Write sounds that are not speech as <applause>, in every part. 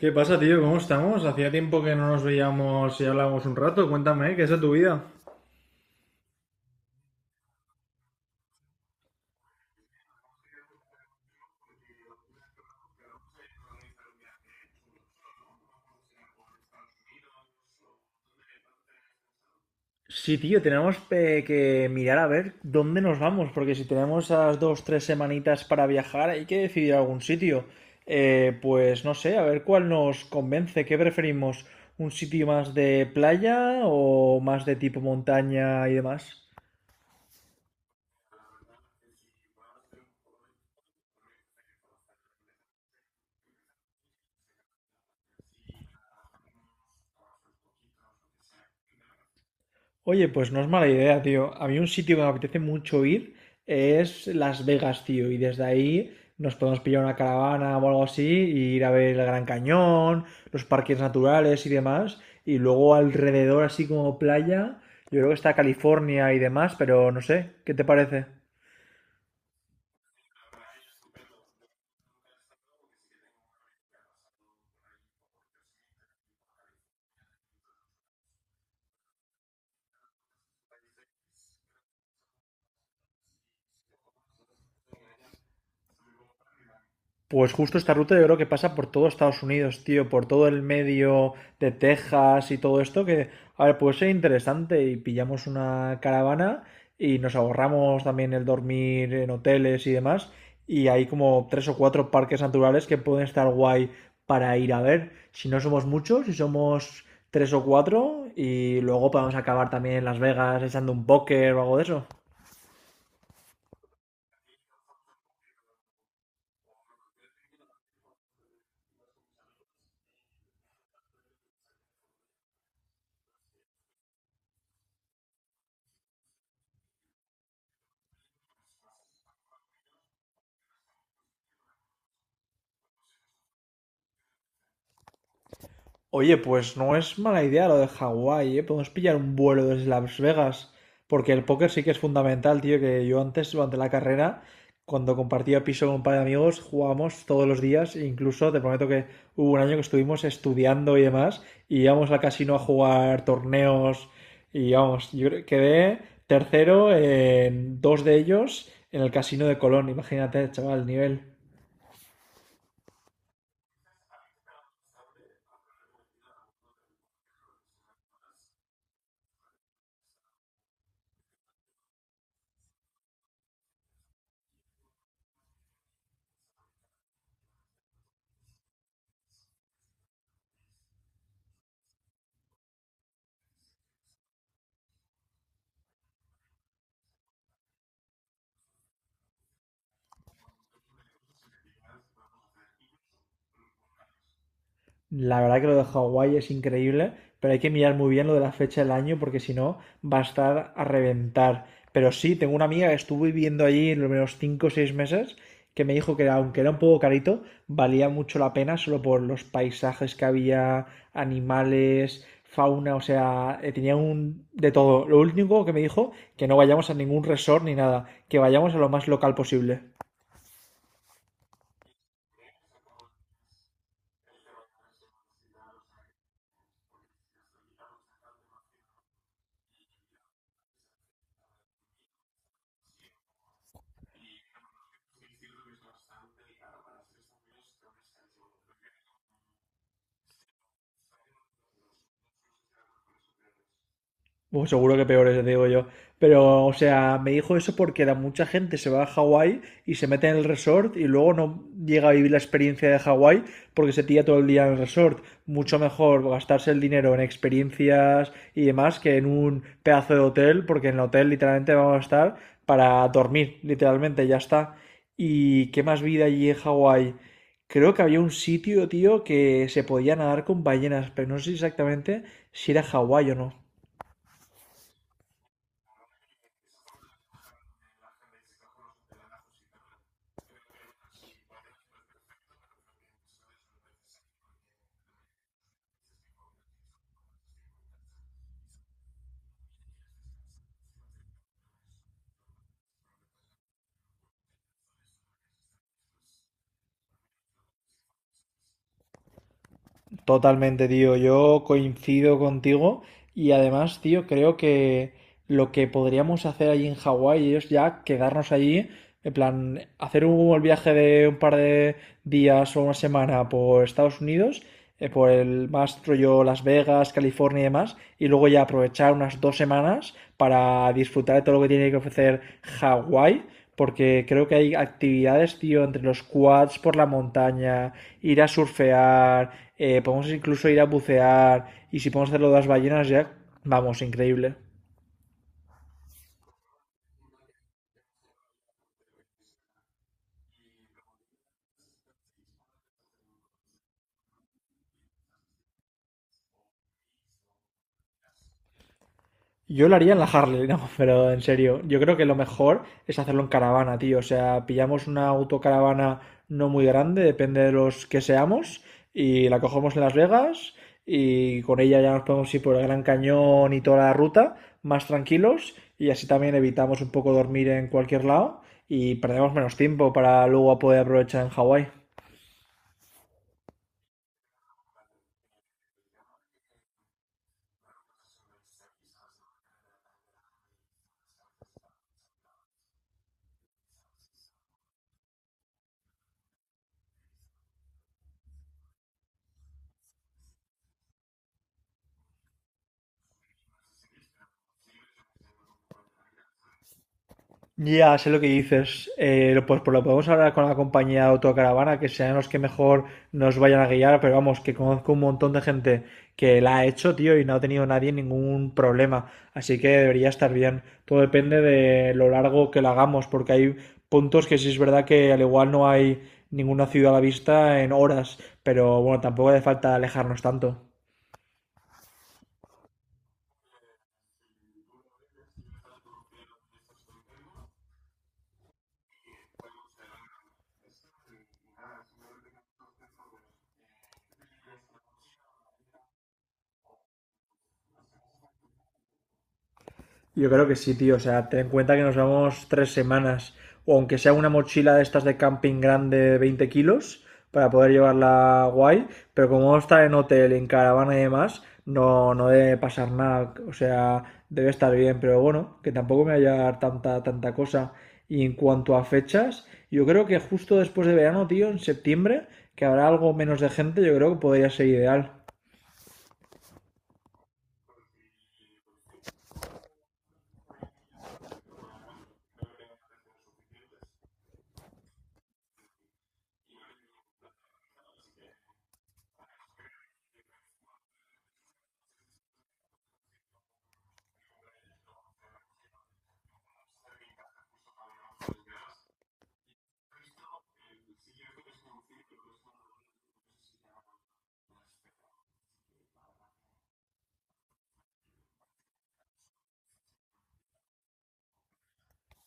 ¿Qué pasa, tío? ¿Cómo estamos? Hacía tiempo que no nos veíamos y hablábamos un rato. Cuéntame, ¿qué es de tu vida? Sí, tío, tenemos que mirar a ver dónde nos vamos, porque si tenemos esas dos, tres semanitas para viajar, hay que decidir algún sitio. Pues no sé, a ver cuál nos convence, ¿qué preferimos? ¿Un sitio más de playa o más de tipo montaña y demás? Oye, pues no es mala idea, tío. A mí un sitio que me apetece mucho ir es Las Vegas, tío. Y desde ahí nos podemos pillar una caravana o algo así, e ir a ver el Gran Cañón, los parques naturales y demás. Y luego alrededor, así como playa, yo creo que está California y demás, pero no sé, ¿qué te parece? Pues justo esta ruta yo creo que pasa por todo Estados Unidos, tío, por todo el medio de Texas y todo esto, que, a ver, puede ser interesante y pillamos una caravana y nos ahorramos también el dormir en hoteles y demás, y hay como tres o cuatro parques naturales que pueden estar guay para ir a ver, si no somos muchos, si somos tres o cuatro, y luego podemos acabar también en Las Vegas echando un póker o algo de eso. Oye, pues no es mala idea lo de Hawái, ¿eh? Podemos pillar un vuelo desde Las Vegas, porque el póker sí que es fundamental, tío, que yo antes, durante la carrera, cuando compartía piso con un par de amigos, jugábamos todos los días, e incluso te prometo que hubo un año que estuvimos estudiando y demás, y íbamos al casino a jugar torneos, y vamos, quedé tercero en dos de ellos en el casino de Colón, imagínate, chaval, el nivel. La verdad que lo de Hawái es increíble, pero hay que mirar muy bien lo de la fecha del año porque si no va a estar a reventar. Pero sí, tengo una amiga que estuvo viviendo allí los menos 5 o 6 meses que me dijo que era- aunque era un poco carito, valía mucho la pena solo por los paisajes que había, animales, fauna, o sea, tenía un de todo. Lo único que me dijo que no vayamos a ningún resort ni nada, que vayamos a lo más local posible. Bueno, seguro que peores, digo yo. Pero, o sea, me dijo eso porque la mucha gente se va a Hawái y se mete en el resort y luego no llega a vivir la experiencia de Hawái porque se tira todo el día en el resort. Mucho mejor gastarse el dinero en experiencias y demás que en un pedazo de hotel, porque en el hotel literalmente vamos a estar para dormir, literalmente, ya está. ¿Y qué más vida allí en Hawái? Creo que había un sitio, tío, que se podía nadar con ballenas, pero no sé exactamente si era Hawái o no. Totalmente, tío. Yo coincido contigo y además, tío, creo que lo que podríamos hacer allí en Hawái es ya quedarnos allí, en plan, hacer un viaje de un par de días o una semana por Estados Unidos, por el más rollo Las Vegas, California y demás, y luego ya aprovechar unas 2 semanas para disfrutar de todo lo que tiene que ofrecer Hawái. Porque creo que hay actividades, tío, entre los quads por la montaña, ir a surfear, podemos incluso ir a bucear y si podemos hacerlo de las ballenas ya, vamos, increíble. Yo lo haría en la Harley, no, <laughs> pero en serio, yo creo que lo mejor es hacerlo en caravana, tío. O sea, pillamos una autocaravana no muy grande, depende de los que seamos, y la cogemos en Las Vegas y con ella ya nos podemos ir por el Gran Cañón y toda la ruta más tranquilos y así también evitamos un poco dormir en cualquier lado y perdemos menos tiempo para luego poder aprovechar en Hawái. Ya, sé lo que dices. Pues, por lo podemos hablar con la compañía de autocaravana, que sean los que mejor nos vayan a guiar, pero vamos, que conozco un montón de gente que la ha hecho, tío, y no ha tenido nadie ningún problema. Así que debería estar bien. Todo depende de lo largo que la hagamos, porque hay puntos que sí es verdad que al igual no hay ninguna ciudad a la vista en horas, pero bueno, tampoco hace falta alejarnos tanto. Yo creo que sí, tío. O sea, ten en cuenta que nos vamos 3 semanas. O aunque sea una mochila de estas de camping grande de 20 kilos para poder llevarla guay. Pero como vamos a estar en hotel, en caravana y demás, no, no debe pasar nada. O sea, debe estar bien. Pero bueno, que tampoco me vaya a dar tanta, tanta cosa. Y en cuanto a fechas, yo creo que justo después de verano, tío, en septiembre, que habrá algo menos de gente, yo creo que podría ser ideal.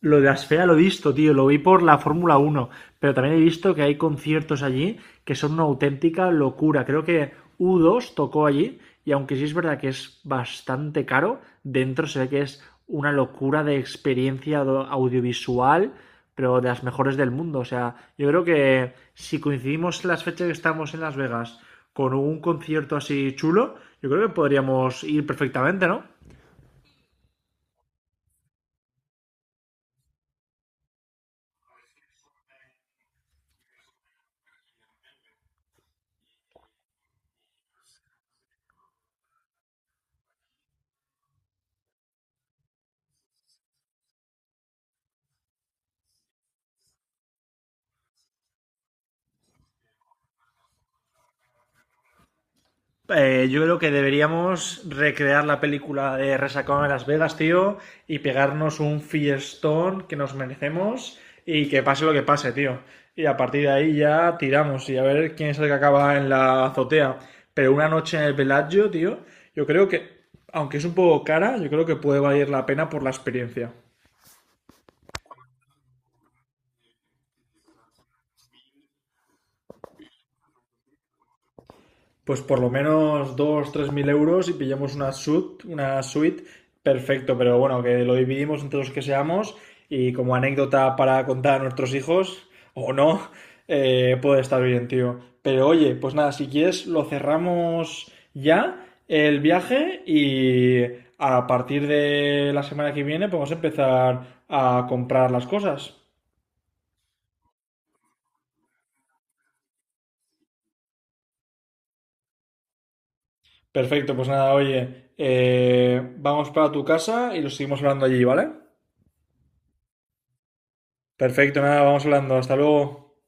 Lo de Asfera lo he visto, tío, lo vi por la Fórmula 1, pero también he visto que hay conciertos allí que son una auténtica locura. Creo que U2 tocó allí y aunque sí es verdad que es bastante caro, dentro se ve que es una locura de experiencia audiovisual, pero de las mejores del mundo. O sea, yo creo que si coincidimos las fechas que estamos en Las Vegas con un concierto así chulo, yo creo que podríamos ir perfectamente, ¿no? Yo creo que deberíamos recrear la película de Resacón en Las Vegas, tío, y pegarnos un fiestón que nos merecemos y que pase lo que pase, tío. Y a partir de ahí ya tiramos y a ver quién es el que acaba en la azotea. Pero una noche en el Bellagio, tío, yo creo que, aunque es un poco cara, yo creo que puede valer la pena por la experiencia. Pues por lo menos 2 3.000 euros y pillamos una suite, perfecto, pero bueno, que lo dividimos entre los que seamos y como anécdota para contar a nuestros hijos, o no, <laughs> puede estar bien, tío. Pero oye, pues nada, si quieres lo cerramos ya el viaje y a partir de la semana que viene podemos empezar a comprar las cosas. Perfecto, pues nada, oye, vamos para tu casa y lo seguimos hablando allí, ¿vale? Perfecto, nada, vamos hablando. Hasta luego.